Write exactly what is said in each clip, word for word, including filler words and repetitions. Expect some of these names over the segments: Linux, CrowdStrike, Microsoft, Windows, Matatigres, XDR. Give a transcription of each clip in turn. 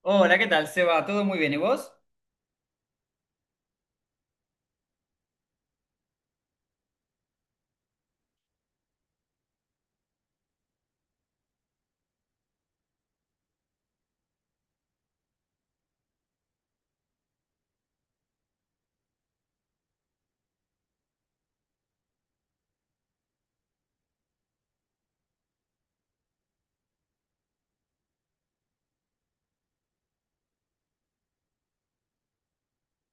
Hola, ¿qué tal, Seba? ¿Todo muy bien? ¿Y vos?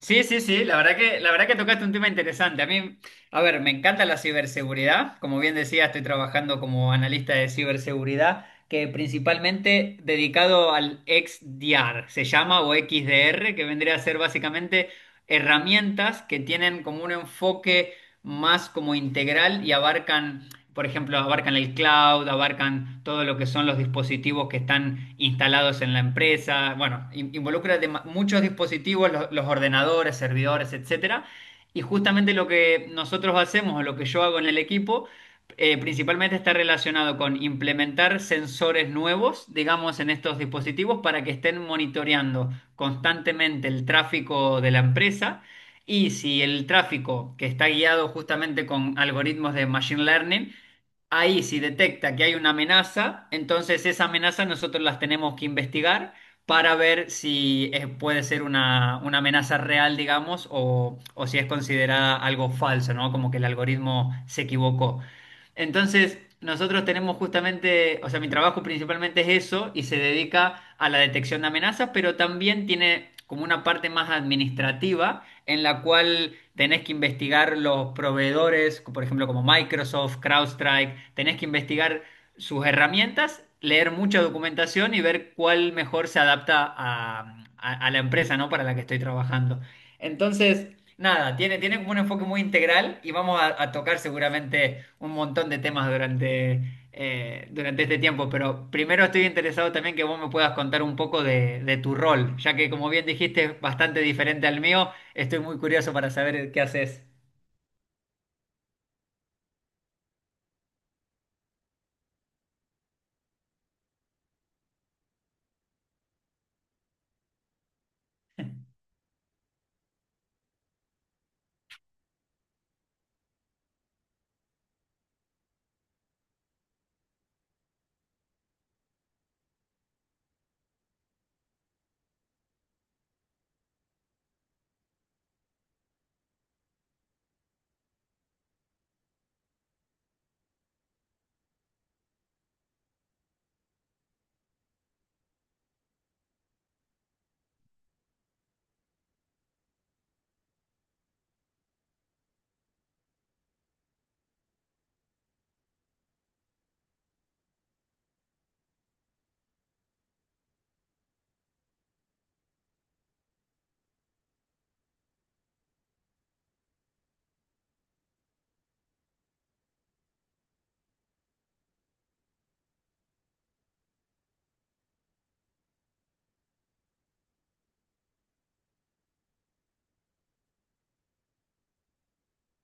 Sí, sí, sí, la verdad que, la verdad que tocaste un tema interesante. A mí, a ver, me encanta la ciberseguridad. Como bien decía, estoy trabajando como analista de ciberseguridad, que principalmente dedicado al X D R, se llama, o X D R, que vendría a ser básicamente herramientas que tienen como un enfoque más como integral y abarcan por ejemplo, abarcan el cloud, abarcan todo lo que son los dispositivos que están instalados en la empresa. Bueno, in- involucra de- muchos dispositivos, lo- los ordenadores, servidores, etcétera. Y justamente lo que nosotros hacemos, o lo que yo hago en el equipo, eh, principalmente está relacionado con implementar sensores nuevos, digamos, en estos dispositivos para que estén monitoreando constantemente el tráfico de la empresa. Y si el tráfico que está guiado justamente con algoritmos de machine learning, ahí si detecta que hay una amenaza, entonces esa amenaza nosotros las tenemos que investigar para ver si eh, puede ser una, una amenaza real, digamos, o, o si es considerada algo falso, ¿no? Como que el algoritmo se equivocó. Entonces, nosotros tenemos justamente, o sea, mi trabajo principalmente es eso y se dedica a la detección de amenazas, pero también tiene como una parte más administrativa en la cual tenés que investigar los proveedores, por ejemplo, como Microsoft, CrowdStrike, tenés que investigar sus herramientas, leer mucha documentación y ver cuál mejor se adapta a, a- a la empresa, ¿no? Para la que estoy trabajando. Entonces, nada, tiene, tiene como un enfoque muy integral y vamos a, a tocar seguramente un montón de temas durante, eh, durante este tiempo, pero primero estoy interesado también que vos me puedas contar un poco de, de tu rol, ya que como bien dijiste es bastante diferente al mío. Estoy muy curioso para saber qué haces.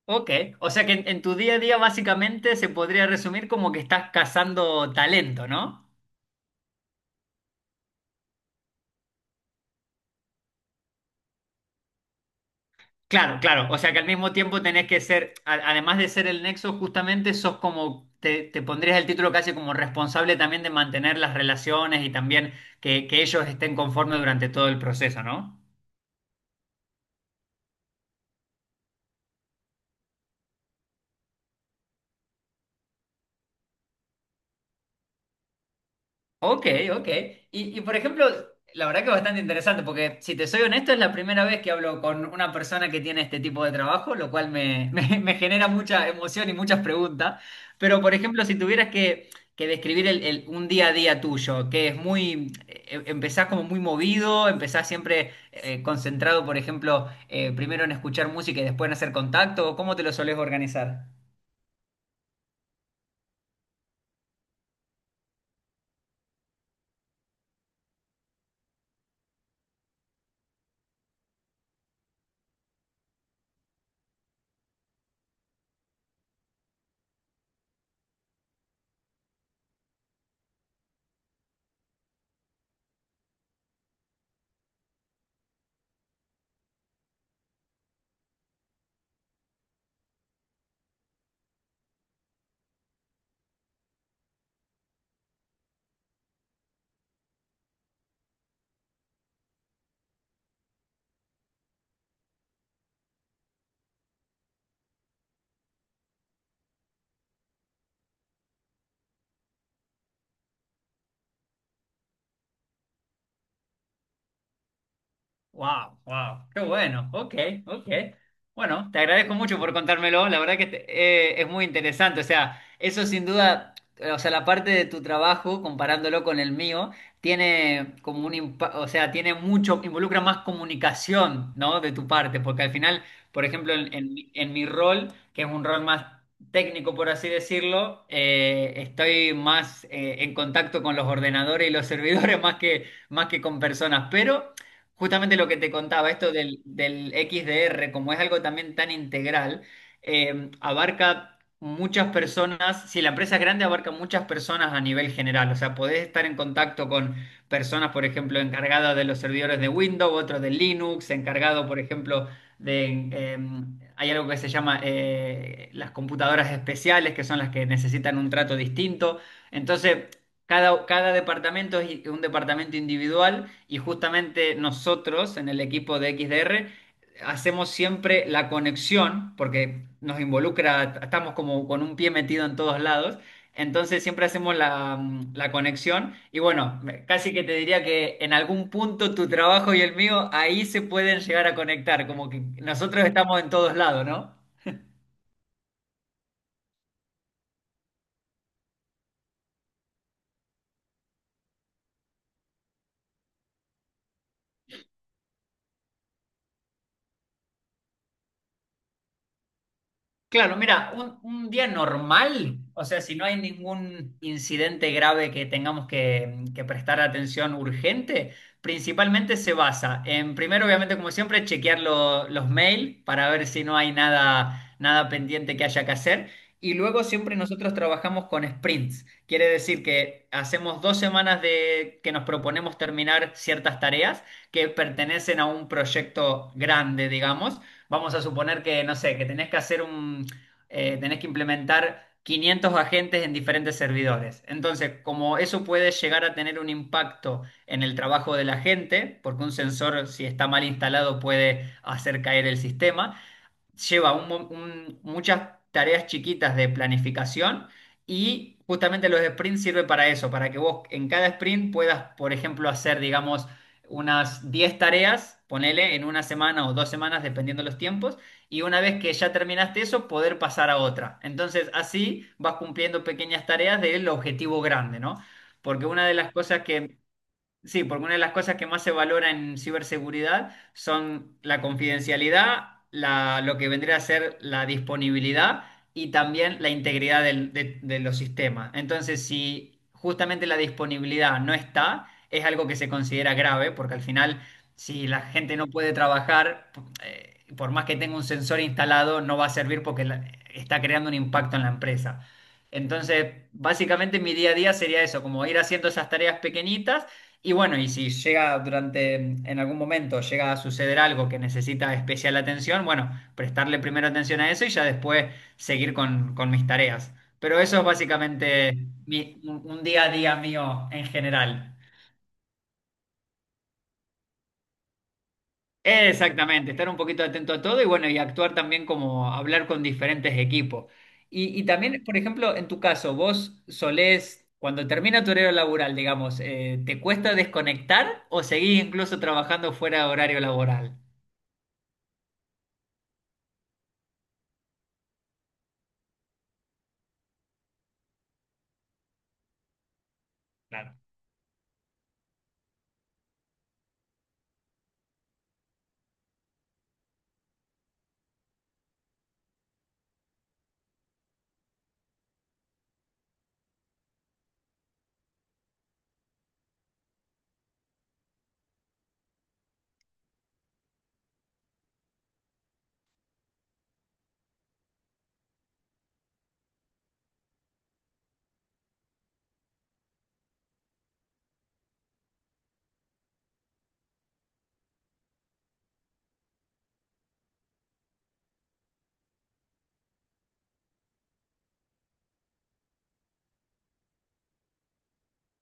Ok, o sea que en, en tu día a día básicamente se podría resumir como que estás cazando talento, ¿no? Claro, claro, o sea que al mismo tiempo tenés que ser, a- además de ser el nexo, justamente sos como, te, te pondrías el título casi como responsable también de mantener las relaciones y también que, que ellos estén conformes durante todo el proceso, ¿no? Ok, ok. Y, y, por ejemplo, la verdad que bastante interesante, porque si te soy honesto, es la primera vez que hablo con una persona que tiene este tipo de trabajo, lo cual me, me- me genera mucha emoción y muchas preguntas. Pero, por ejemplo, si tuvieras que, que describir el, el- un día a día tuyo, que es muy, eh, empezás como muy movido, empezás siempre eh, concentrado, por ejemplo, eh, primero en escuchar música y después en hacer contacto, ¿cómo te lo solés organizar? Wow, wow, qué bueno. Ok, ok. Bueno, te agradezco mucho por contármelo. La verdad que te- eh, es muy interesante. O sea, eso sin duda, eh, o sea, la parte de tu trabajo, comparándolo con el mío, tiene como un impa- o sea, tiene mucho, involucra más comunicación, ¿no? De tu parte, porque al final, por ejemplo, en, en mi en mi rol, que es un rol más técnico, por así decirlo, eh, estoy más eh, en contacto con los ordenadores y los servidores más que más que con personas, pero justamente lo que te contaba, esto del, del X D R, como es algo también tan integral, eh, abarca muchas personas, si la empresa es grande, abarca muchas personas a nivel general, o sea, podés estar en contacto con personas, por ejemplo, encargadas de los servidores de Windows, otros de Linux, encargado, por ejemplo, de, eh, hay algo que se llama eh, las computadoras especiales, que son las que necesitan un trato distinto. Entonces, cada, cada departamento es un departamento individual y justamente nosotros en el equipo de X D R hacemos siempre la conexión porque nos involucra, estamos como con un pie metido en todos lados, entonces siempre hacemos la, mm, la conexión y bueno, me- casi que te diría que en algún punto tu trabajo y el mío ahí se pueden llegar a conectar, como que nosotros estamos en todos lados, ¿no? Claro, mira, un, un día normal, o sea, si no hay ningún incidente grave que tengamos que, que prestar atención urgente, principalmente se basa en, primero, obviamente, como siempre, chequear lo- los mails para ver si no hay nada, nada pendiente que haya que hacer. Y luego siempre nosotros trabajamos con sprints. Quiere decir que hacemos dos semanas de que nos proponemos terminar ciertas tareas que pertenecen a un proyecto grande, digamos. Vamos a suponer que, no sé, que tenés que hacer un, eh, tenés que implementar quinientos agentes en diferentes servidores. Entonces, como eso puede llegar a tener un impacto en el trabajo de la gente, porque un sensor, si está mal instalado, puede hacer caer el sistema, lleva un mo- un- muchas tareas chiquitas de planificación y justamente los sprints sirve para eso, para que vos en cada sprint puedas, por ejemplo, hacer, digamos, unas diez tareas, ponele en una semana o dos semanas, dependiendo los tiempos, y una vez que ya terminaste eso, poder pasar a otra. Entonces, así vas cumpliendo pequeñas tareas del objetivo grande, ¿no? Porque una de las cosas que Sí, porque una de las cosas que más se valora en ciberseguridad son la confidencialidad, la- lo que vendría a ser la disponibilidad y también la integridad del- de, de los sistemas. Entonces, si justamente la disponibilidad no está, es algo que se considera grave, porque al final, si la gente no puede trabajar, eh, por más que tenga un sensor instalado, no va a servir porque la- está creando un impacto en la empresa. Entonces, básicamente mi día a día sería eso, como ir haciendo esas tareas pequeñitas y bueno, y si llega durante, en algún momento llega a suceder algo que necesita especial atención, bueno, prestarle primero atención a eso y ya después seguir con, con mis tareas. Pero eso es básicamente mi- un un día a día mío en general. Exactamente, estar un poquito atento a todo y bueno, y actuar también como hablar con diferentes equipos. Y, y también, por ejemplo, en tu caso, vos solés, cuando termina tu horario laboral, digamos, eh, ¿te cuesta desconectar o seguís incluso trabajando fuera de horario laboral? Claro,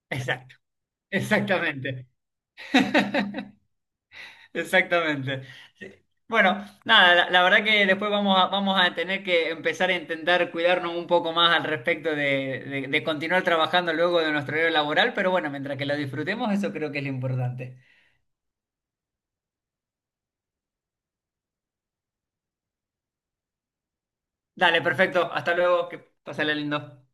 exacto, exactamente, exactamente. Sí. Bueno, nada, la, la verdad que después vamos a, vamos a tener que empezar a intentar cuidarnos un poco más al respecto de, de- de continuar trabajando luego de nuestro horario laboral, pero bueno, mientras que lo disfrutemos, eso creo que es lo importante. Dale, perfecto, hasta luego, que pásale lindo.